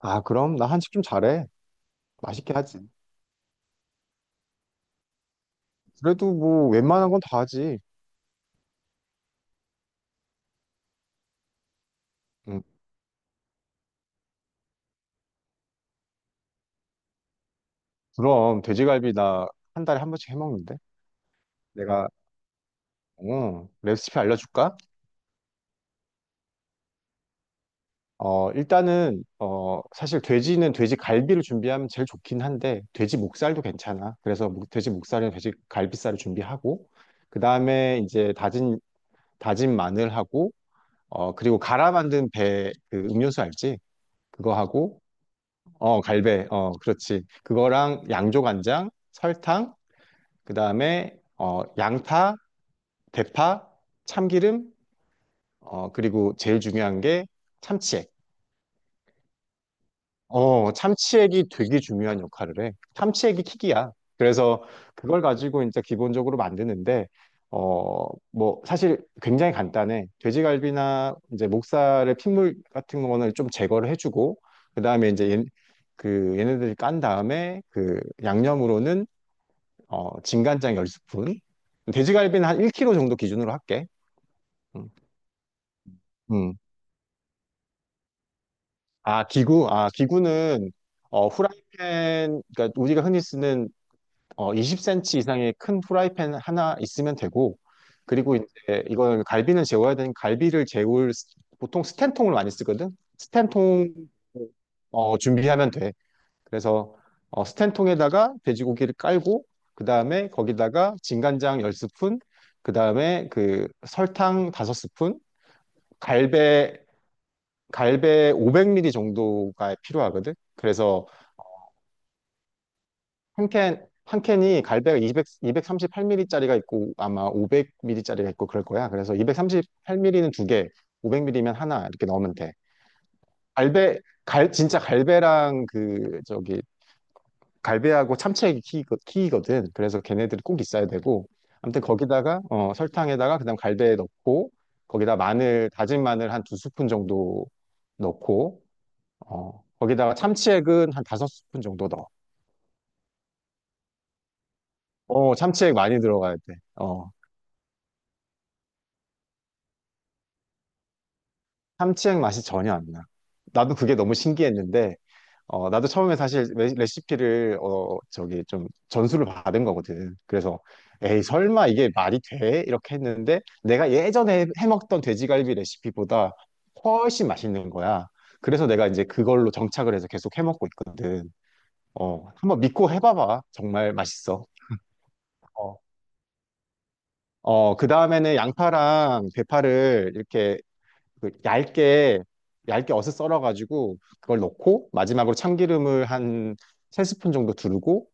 아, 그럼 나 한식 좀 잘해. 맛있게 하지. 그래도 뭐 웬만한 건 다 하지. 음, 그럼 돼지갈비 나 한 달에 한 번씩 해 먹는데. 내가 레시피 알려줄까? 일단은 사실 돼지는 돼지갈비를 준비하면 제일 좋긴 한데 돼지 목살도 괜찮아. 그래서 돼지 목살이나 돼지갈비살을 준비하고 그다음에 이제 다진 마늘하고 그리고 갈아 만든 배 그 음료수 알지? 그거 하고 갈배. 어, 그렇지. 그거랑 양조간장, 설탕, 그다음에 양파, 대파, 참기름, 그리고 제일 중요한 게 참치액. 참치액이 되게 중요한 역할을 해. 참치액이 킥이야. 그래서 그걸 가지고 이제 기본적으로 만드는데 어, 뭐 사실 굉장히 간단해. 돼지갈비나 이제 목살의 핏물 같은 거는 좀 제거를 해주고 그다음에 이제 그 얘네들이 깐 다음에 그 양념으로는 진간장 10스푼. 돼지갈비는 한 1kg 정도 기준으로 할게. 음. 음. 아, 기구. 아, 기구는 후라이팬, 그러니까 우리가 흔히 쓰는 20cm 이상의 큰 후라이팬 하나 있으면 되고, 그리고 이제 이걸 갈비는 재워야 되는 갈비를 재울 보통 스텐통을 많이 쓰거든. 스텐통 준비하면 돼. 그래서 스텐통에다가 돼지고기를 깔고 그 다음에 거기다가 진간장 10스푼 그 다음에 그 설탕 5스푼 갈배 갈배 500ml 정도가 필요하거든. 그래서 한 캔이 갈배가 200, 238ml짜리가 있고 아마 500ml짜리가 있고 그럴 거야. 그래서 238ml는 두 개, 500ml면 하나 이렇게 넣으면 돼. 갈배, 진짜 갈배랑 갈배하고 참치액이 키이거든. 그래서 걔네들이 꼭 있어야 되고. 아무튼 거기다가 설탕에다가 그다음 갈배 넣고 거기다 마늘 다진 마늘 한 두 스푼 정도 넣고 거기다가 참치액은 한 다섯 스푼 정도 넣어. 참치액 많이 들어가야 돼. 참치액 맛이 전혀 안 나. 나도 그게 너무 신기했는데 나도 처음에 사실 레시피를, 어, 저기 좀 전수를 받은 거거든. 그래서, 에이, 설마 이게 말이 돼? 이렇게 했는데, 내가 예전에 해먹던 돼지갈비 레시피보다 훨씬 맛있는 거야. 그래서 내가 이제 그걸로 정착을 해서 계속 해먹고 있거든. 한번 믿고 해봐봐. 정말 맛있어. 어, 그 다음에는 양파랑 대파를 이렇게 그 얇게 얇게 어슷 썰어가지고 그걸 넣고 마지막으로 참기름을 한 세 스푼 정도 두르고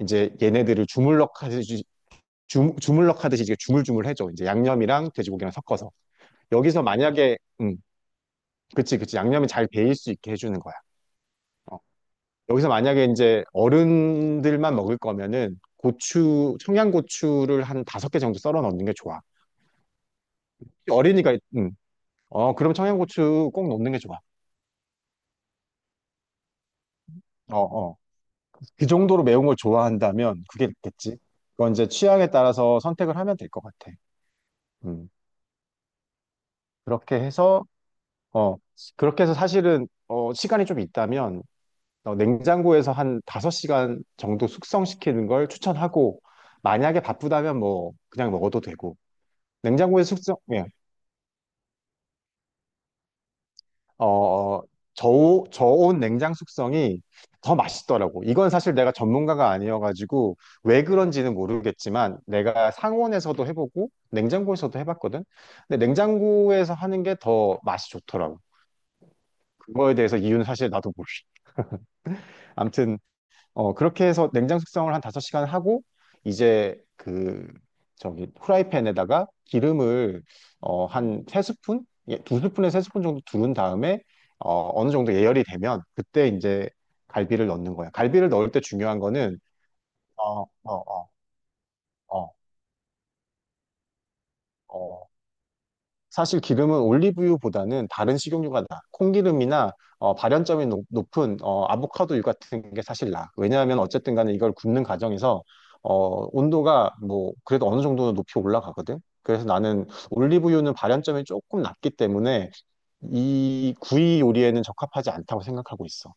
이제 얘네들을 주물럭 하듯이 주물럭 하듯이 이제 주물주물 해줘. 이제 양념이랑 돼지고기랑 섞어서. 여기서 만약에 그치 그치 양념이 잘 배일 수 있게 해주는 거야. 어. 여기서 만약에 이제 어른들만 먹을 거면은 고추 청양고추를 한 다섯 개 정도 썰어 넣는 게 좋아. 어린이가 그럼 청양고추 꼭 넣는 게 좋아. 어 어. 그 정도로 매운 걸 좋아한다면 그게 낫겠지. 그건 이제 취향에 따라서 선택을 하면 될 것 같아. 음. 그렇게 해서, 어, 그렇게 해서 사실은, 시간이 좀 있다면, 냉장고에서 한 5시간 정도 숙성시키는 걸 추천하고, 만약에 바쁘다면 뭐, 그냥 먹어도 되고, 냉장고에 숙성, 예, 어, 저온 냉장 숙성이 더 맛있더라고. 이건 사실 내가 전문가가 아니어가지고 왜 그런지는 모르겠지만 내가 상온에서도 해보고 냉장고에서도 해봤거든. 근데 냉장고에서 하는 게 더 맛이 좋더라고. 그거에 대해서 이유는 사실 나도 모르. 아무튼 그렇게 해서 냉장 숙성을 한 5시간 하고, 이제 후라이팬에다가 기름을, 한 세 스푼 예, 스푼에세스푼 정도 두른 다음에, 어느 정도 예열이 되면, 그때 이제 갈비를 넣는 거야. 갈비를 넣을 때 중요한 거는, 어, 어, 어, 어, 어, 사실 기름은 올리브유보다는 다른 식용유가 나. 콩기름이나 발연점이 높, 은 아보카도유 같은 게 사실 나. 왜냐하면 어쨌든 간에 이걸 굽는 과정에서 온도가 뭐 그래도 어느 정도는 높이 올라가거든. 그래서 나는 올리브유는 발연점이 조금 낮기 때문에 이 구이 요리에는 적합하지 않다고 생각하고 있어.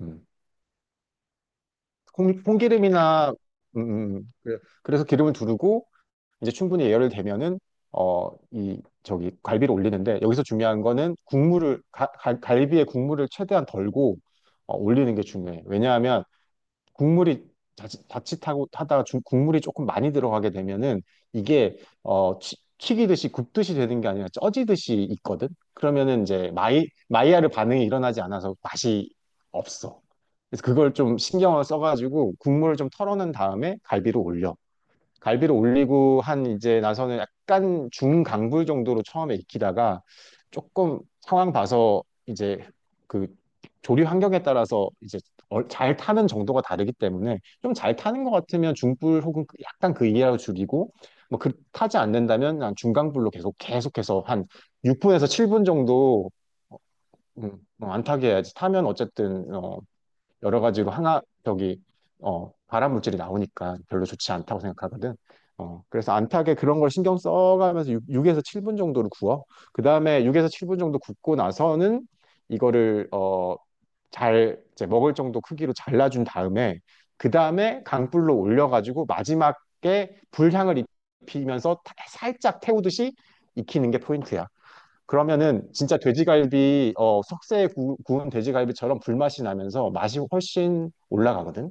음. 콩기름이나 음. 그래서 기름을 두르고 이제 충분히 예열을 되면은 이 저기 갈비를 올리는데 여기서 중요한 거는 국물을 갈비의 국물을 최대한 덜고 올리는 게 중요해. 왜냐하면 국물이 자칫하고 하다가 국물이 조금 많이 들어가게 되면은 이게 튀기듯이 굽듯이 되는 게 아니라 쪄지듯이 있거든. 그러면은 이제 마이야르 반응이 일어나지 않아서 맛이 없어. 그래서 그걸 좀 신경을 써가지고 국물을 좀 털어낸 다음에 갈비를 올려. 갈비를 올리고 한 이제 나서는 약간 중강불 정도로 처음에 익히다가 조금 상황 봐서 이제 그 조리 환경에 따라서 이제 잘 타는 정도가 다르기 때문에 좀 잘 타는 것 같으면 중불 혹은 약간 그 이하로 줄이고 뭐 그 타지 않는다면 난 중강불로 계속해서 한 6분에서 7분 정도 어, 안 타게 해야지 타면 어쨌든 여러 가지로 항아 저기 발암 물질이 나오니까 별로 좋지 않다고 생각하거든. 그래서 안 타게 그런 걸 신경 써가면서 6, 에서 7분 정도를 구워. 그 다음에 6에서 7분 정도 굽고 나서는 이거를 잘 이제 먹을 정도 크기로 잘라준 다음에 그 다음에 강불로 올려가지고 마지막에 불향을 입히면서 살짝 태우듯이 익히는 게 포인트야. 그러면은 진짜 돼지갈비, 석쇠에 운 돼지갈비처럼 불맛이 나면서 맛이 훨씬 올라가거든?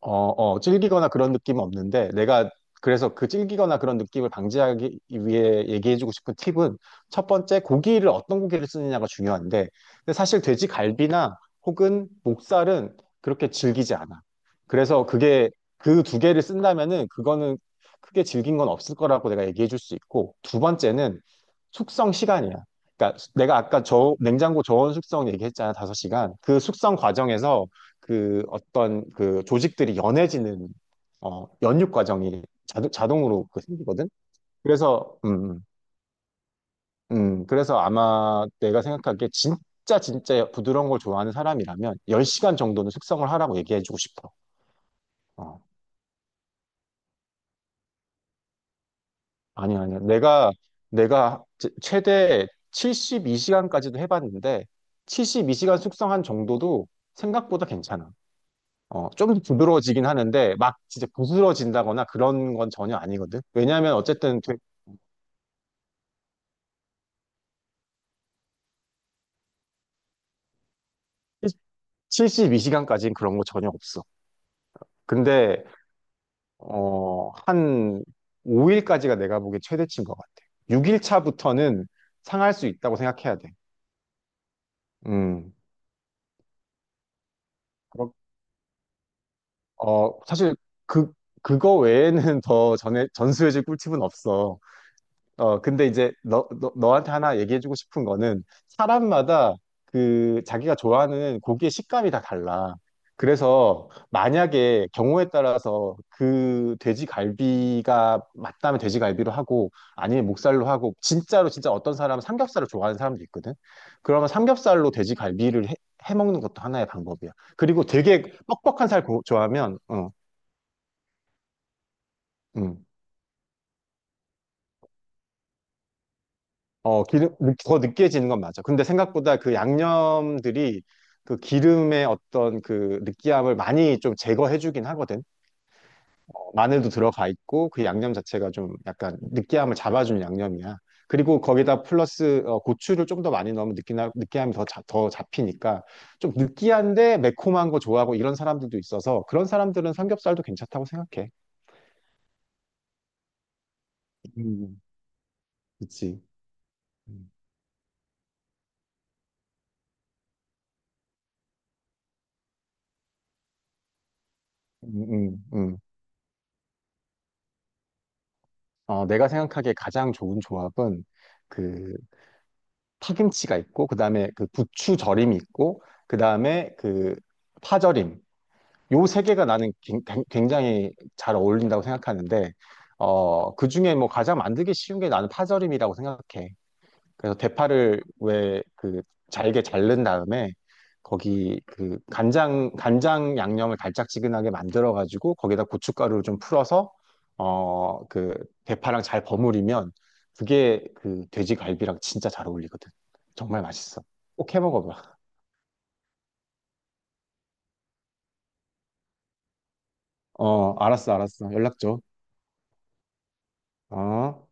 질기거나 그런 느낌은 없는데, 내가 그래서 그 질기거나 그런 느낌을 방지하기 위해 얘기해주고 싶은 팁은 첫 번째, 고기를 어떤 고기를 쓰느냐가 중요한데, 근데 사실 돼지 갈비나 혹은 목살은 그렇게 질기지 않아. 그래서 그게 그 두 개를 쓴다면은 그거는 크게 질긴 건 없을 거라고 내가 얘기해줄 수 있고, 두 번째는 숙성 시간이야. 그러니까 내가 아까 저 냉장고 저온 숙성 얘기했잖아, 다섯 시간그 숙성 과정에서 그 어떤 그 조직들이 연해지는 연육 과정이 자동으로 그 생기거든. 그래서 그래서 아마 내가 생각하기에 진짜 진짜 부드러운 걸 좋아하는 사람이라면 10시간 정도는 숙성을 하라고 얘기해주고 싶어. 어, 아니 아니야. 내가 최대 72시간까지도 해봤는데 72시간 숙성한 정도도 생각보다 괜찮아. 좀 부드러워지긴 하는데, 막 진짜 부스러진다거나 그런 건 전혀 아니거든. 왜냐면 어쨌든 72시간까지는 그런 거 전혀 없어. 근데, 한 5일까지가 내가 보기엔 최대치인 것 같아. 6일 차부터는 상할 수 있다고 생각해야 돼. 음, 그렇- 사실 그, 그거 외에는 더 전에, 전수해줄 꿀팁은 없어. 근데 이제 너한테 하나 얘기해주고 싶은 거는 사람마다 그 자기가 좋아하는 고기의 식감이 다 달라. 그래서 만약에 경우에 따라서 그 돼지갈비가 맞다면 돼지갈비로 하고 아니면 목살로 하고 진짜로 진짜 어떤 사람은 삼겹살을 좋아하는 사람도 있거든. 그러면 삼겹살로 돼지갈비를 해, 해 먹는 것도 하나의 방법이야. 그리고 되게 뻑뻑한 살 좋아하면 음. 기름, 더 느끼해지는 건 맞아. 근데 생각보다 그 양념들이 그 기름의 어떤 그 느끼함을 많이 좀 제거해주긴 하거든. 마늘도 들어가 있고 그 양념 자체가 좀 약간 느끼함을 잡아주는 양념이야. 그리고 거기다 플러스 고추를 좀 더 많이 넣으면 느끼함이 더, 더 잡히니까 좀 느끼한데 매콤한 거 좋아하고 이런 사람들도 있어서 그런 사람들은 삼겹살도 괜찮다고 생각해. 음, 그치. 음, 음, 음. 내가 생각하기에 가장 좋은 조합은 그 파김치가 있고 그다음에 그 부추 절임이 있고 그다음에 그 파절임 요 세 개가 나는 굉장히 잘 어울린다고 생각하는데 그중에 뭐 가장 만들기 쉬운 게 나는 파절임이라고 생각해. 그래서 대파를 왜 그 잘게 자른 다음에 거기 그 간장 양념을 달짝지근하게 만들어 가지고 거기다 고춧가루를 좀 풀어서 그 대파랑 잘 버무리면 그게 그 돼지갈비랑 진짜 잘 어울리거든. 정말 맛있어. 꼭 해 먹어봐. 어, 알았어, 알았어. 연락 줘. 어.